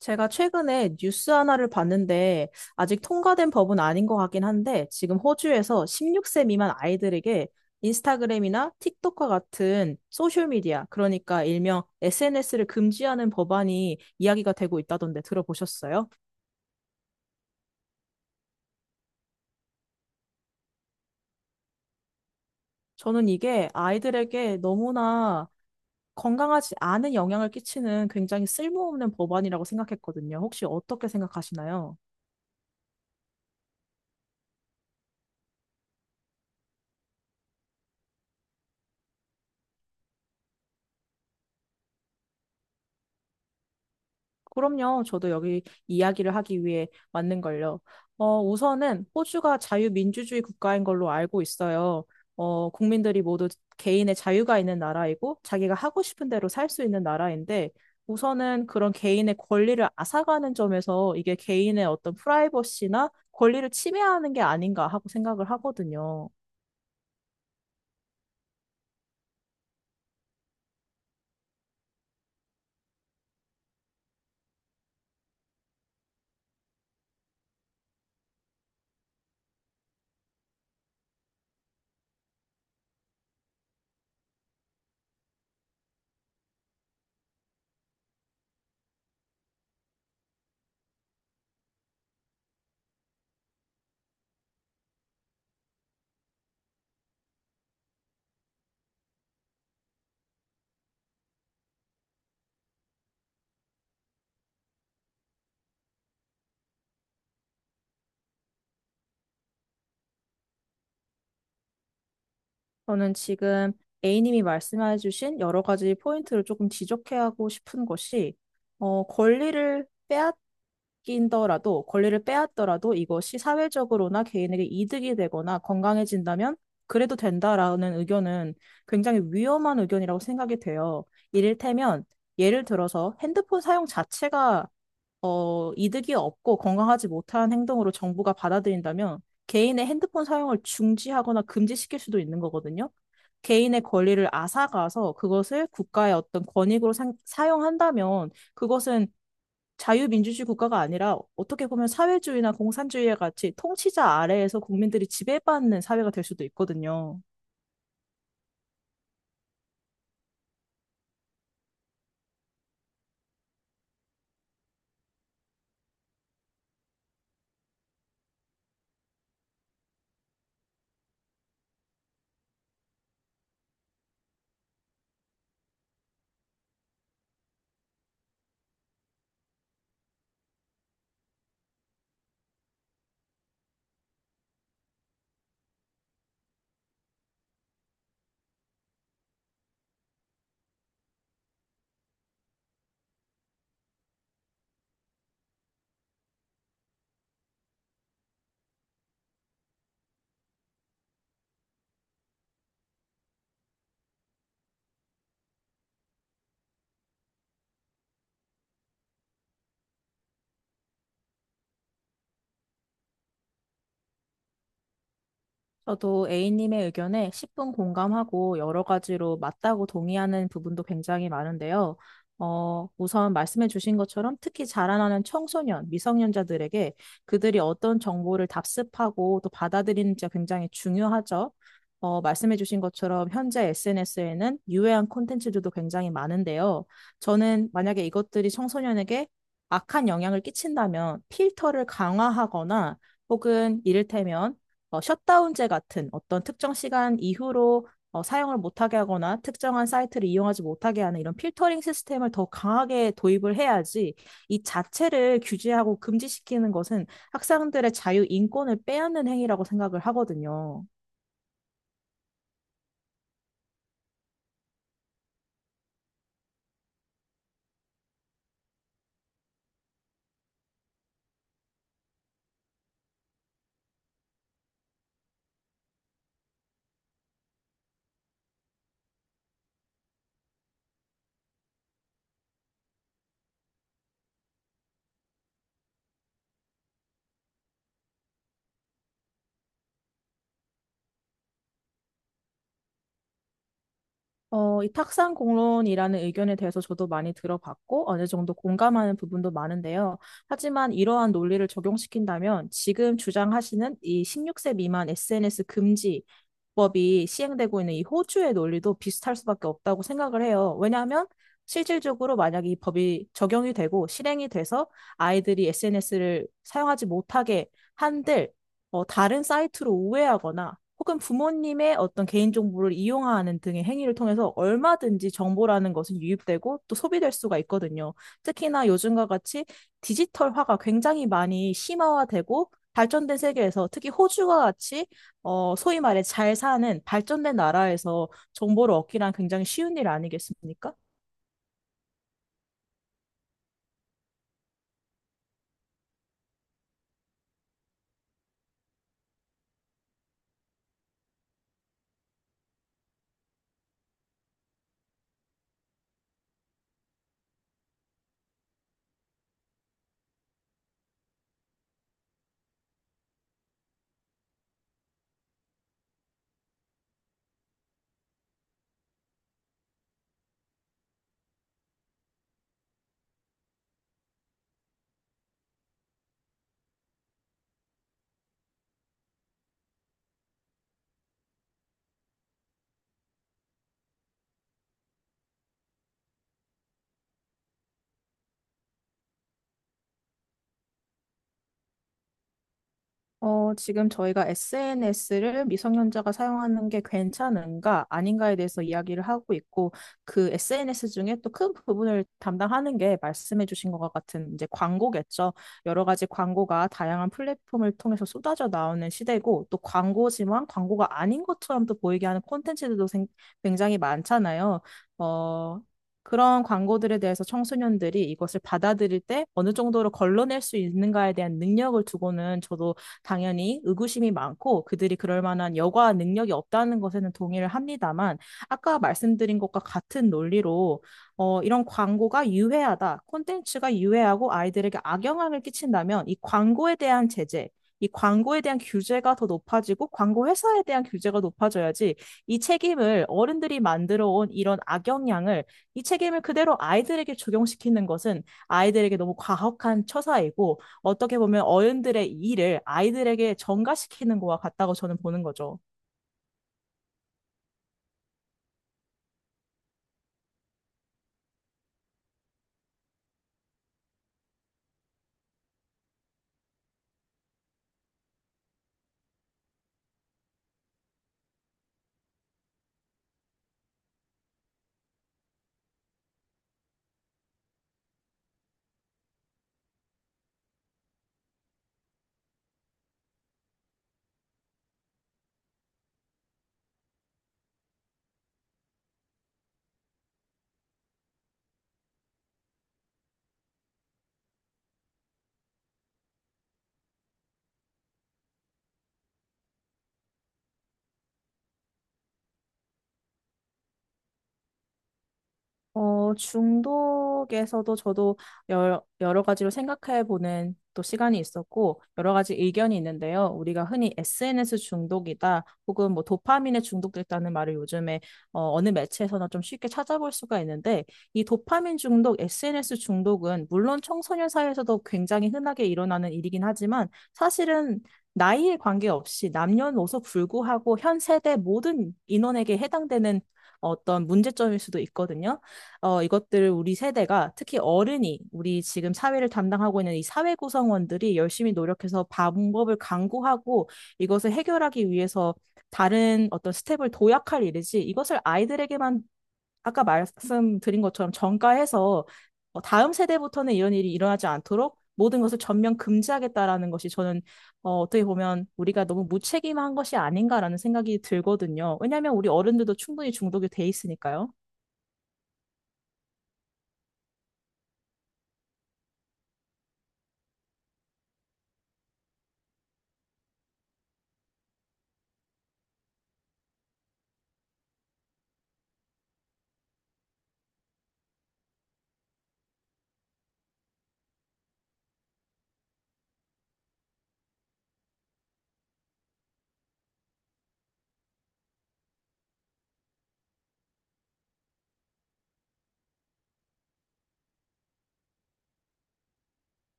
제가 최근에 뉴스 하나를 봤는데 아직 통과된 법은 아닌 것 같긴 한데, 지금 호주에서 16세 미만 아이들에게 인스타그램이나 틱톡과 같은 소셜미디어, 그러니까 일명 SNS를 금지하는 법안이 이야기가 되고 있다던데 들어보셨어요? 저는 이게 아이들에게 너무나 건강하지 않은 영향을 끼치는 굉장히 쓸모없는 법안이라고 생각했거든요. 혹시 어떻게 생각하시나요? 그럼요. 저도 여기 이야기를 하기 위해 왔는걸요. 우선은 호주가 자유민주주의 국가인 걸로 알고 있어요. 국민들이 모두 개인의 자유가 있는 나라이고, 자기가 하고 싶은 대로 살 수 있는 나라인데, 우선은 그런 개인의 권리를 앗아가는 점에서 이게 개인의 어떤 프라이버시나 권리를 침해하는 게 아닌가 하고 생각을 하거든요. 저는 지금 A님이 말씀해주신 여러 가지 포인트를 조금 지적해하고 싶은 것이, 권리를 빼앗긴더라도, 권리를 빼앗더라도 이것이 사회적으로나 개인에게 이득이 되거나 건강해진다면 그래도 된다라는 의견은 굉장히 위험한 의견이라고 생각이 돼요. 이를테면, 예를 들어서 핸드폰 사용 자체가 이득이 없고 건강하지 못한 행동으로 정부가 받아들인다면 개인의 핸드폰 사용을 중지하거나 금지시킬 수도 있는 거거든요. 개인의 권리를 앗아가서 그것을 국가의 어떤 권익으로 사용한다면, 그것은 자유민주주의 국가가 아니라 어떻게 보면 사회주의나 공산주의와 같이 통치자 아래에서 국민들이 지배받는 사회가 될 수도 있거든요. 저도 A님의 의견에 10분 공감하고 여러 가지로 맞다고 동의하는 부분도 굉장히 많은데요. 우선 말씀해 주신 것처럼 특히 자라나는 청소년, 미성년자들에게 그들이 어떤 정보를 답습하고 또 받아들이는지가 굉장히 중요하죠. 말씀해 주신 것처럼 현재 SNS에는 유해한 콘텐츠들도 굉장히 많은데요. 저는 만약에 이것들이 청소년에게 악한 영향을 끼친다면 필터를 강화하거나 혹은 이를테면 셧다운제 같은 어떤 특정 시간 이후로 사용을 못하게 하거나 특정한 사이트를 이용하지 못하게 하는 이런 필터링 시스템을 더 강하게 도입을 해야지, 이 자체를 규제하고 금지시키는 것은 학생들의 자유 인권을 빼앗는 행위라고 생각을 하거든요. 이 탁상 공론이라는 의견에 대해서 저도 많이 들어봤고 어느 정도 공감하는 부분도 많은데요. 하지만 이러한 논리를 적용시킨다면 지금 주장하시는 이 16세 미만 SNS 금지 법이 시행되고 있는 이 호주의 논리도 비슷할 수밖에 없다고 생각을 해요. 왜냐하면 실질적으로 만약에 이 법이 적용이 되고 실행이 돼서 아이들이 SNS를 사용하지 못하게 한들 다른 사이트로 우회하거나 혹은 부모님의 어떤 개인정보를 이용하는 등의 행위를 통해서 얼마든지 정보라는 것은 유입되고 또 소비될 수가 있거든요. 특히나 요즘과 같이 디지털화가 굉장히 많이 심화화되고 발전된 세계에서, 특히 호주와 같이 소위 말해 잘 사는 발전된 나라에서 정보를 얻기란 굉장히 쉬운 일 아니겠습니까? 지금 저희가 SNS를 미성년자가 사용하는 게 괜찮은가, 아닌가에 대해서 이야기를 하고 있고, 그 SNS 중에 또 큰 부분을 담당하는 게 말씀해 주신 것과 같은 이제 광고겠죠. 여러 가지 광고가 다양한 플랫폼을 통해서 쏟아져 나오는 시대고, 또 광고지만 광고가 아닌 것처럼 또 보이게 하는 콘텐츠들도 굉장히 많잖아요. 어, 그런 광고들에 대해서 청소년들이 이것을 받아들일 때 어느 정도로 걸러낼 수 있는가에 대한 능력을 두고는 저도 당연히 의구심이 많고, 그들이 그럴 만한 여과 능력이 없다는 것에는 동의를 합니다만, 아까 말씀드린 것과 같은 논리로 이런 광고가 유해하다, 콘텐츠가 유해하고 아이들에게 악영향을 끼친다면 이 광고에 대한 제재, 이 광고에 대한 규제가 더 높아지고 광고 회사에 대한 규제가 높아져야지, 이 책임을 어른들이 만들어 온 이런 악영향을, 이 책임을 그대로 아이들에게 적용시키는 것은 아이들에게 너무 과혹한 처사이고, 어떻게 보면 어른들의 일을 아이들에게 전가시키는 거와 같다고 저는 보는 거죠. 중독에서도 저도 여러 가지로 생각해보는 또 시간이 있었고, 여러 가지 의견이 있는데요. 우리가 흔히 SNS 중독이다, 혹은 뭐 도파민에 중독됐다는 말을 요즘에 어느 매체에서나 좀 쉽게 찾아볼 수가 있는데, 이 도파민 중독, SNS 중독은 물론 청소년 사이에서도 굉장히 흔하게 일어나는 일이긴 하지만, 사실은 나이에 관계없이 남녀노소 불구하고 현 세대 모든 인원에게 해당되는 어떤 문제점일 수도 있거든요. 이것들을 우리 세대가, 특히 어른이, 우리 지금 사회를 담당하고 있는 이 사회 구성원들이 열심히 노력해서 방법을 강구하고 이것을 해결하기 위해서 다른 어떤 스텝을 도약할 일이지, 이것을 아이들에게만 아까 말씀드린 것처럼 전가해서 다음 세대부터는 이런 일이 일어나지 않도록 모든 것을 전면 금지하겠다라는 것이, 저는 어떻게 보면 우리가 너무 무책임한 것이 아닌가라는 생각이 들거든요. 왜냐하면 우리 어른들도 충분히 중독이 돼 있으니까요.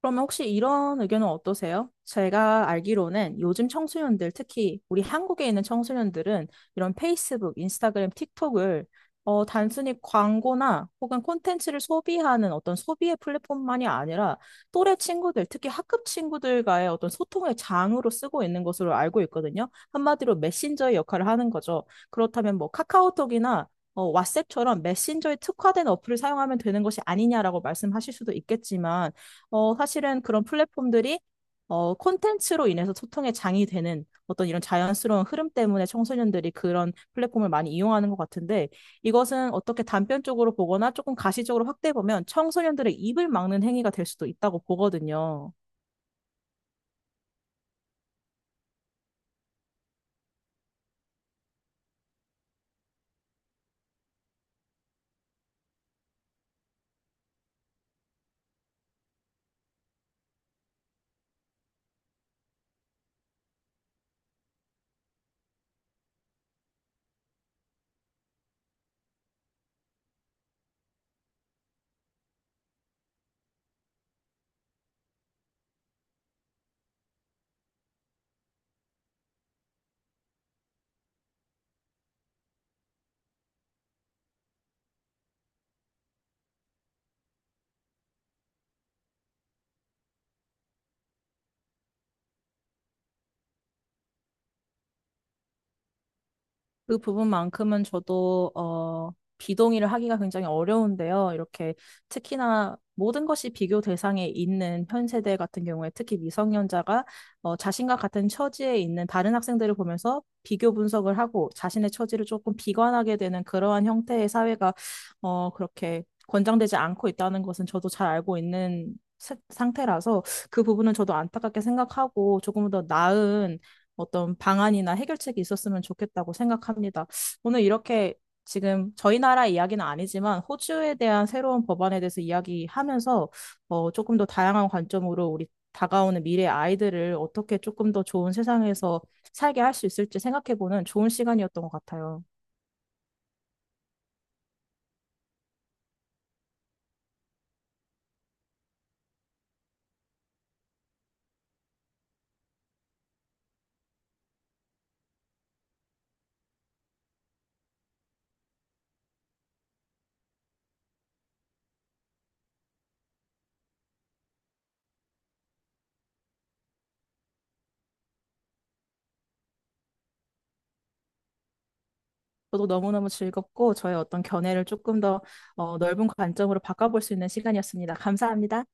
그러면 혹시 이런 의견은 어떠세요? 제가 알기로는 요즘 청소년들, 특히 우리 한국에 있는 청소년들은 이런 페이스북, 인스타그램, 틱톡을 단순히 광고나 혹은 콘텐츠를 소비하는 어떤 소비의 플랫폼만이 아니라 또래 친구들, 특히 학급 친구들과의 어떤 소통의 장으로 쓰고 있는 것으로 알고 있거든요. 한마디로 메신저의 역할을 하는 거죠. 그렇다면 뭐 카카오톡이나 왓츠앱처럼 메신저에 특화된 어플을 사용하면 되는 것이 아니냐라고 말씀하실 수도 있겠지만 사실은 그런 플랫폼들이 콘텐츠로 인해서 소통의 장이 되는 어떤 이런 자연스러운 흐름 때문에 청소년들이 그런 플랫폼을 많이 이용하는 것 같은데, 이것은 어떻게 단편적으로 보거나 조금 가시적으로 확대해 보면 청소년들의 입을 막는 행위가 될 수도 있다고 보거든요. 그 부분만큼은 저도 비동의를 하기가 굉장히 어려운데요. 이렇게 특히나 모든 것이 비교 대상에 있는 현 세대 같은 경우에, 특히 미성년자가 자신과 같은 처지에 있는 다른 학생들을 보면서 비교 분석을 하고 자신의 처지를 조금 비관하게 되는, 그러한 형태의 사회가 그렇게 권장되지 않고 있다는 것은 저도 잘 알고 있는 상태라서, 그 부분은 저도 안타깝게 생각하고 조금 더 나은 어떤 방안이나 해결책이 있었으면 좋겠다고 생각합니다. 오늘 이렇게 지금 저희 나라 이야기는 아니지만 호주에 대한 새로운 법안에 대해서 이야기하면서 조금 더 다양한 관점으로 우리 다가오는 미래 아이들을 어떻게 조금 더 좋은 세상에서 살게 할 수 있을지 생각해보는 좋은 시간이었던 것 같아요. 저도 너무너무 즐겁고 저의 어떤 견해를 조금 더 넓은 관점으로 바꿔볼 수 있는 시간이었습니다. 감사합니다.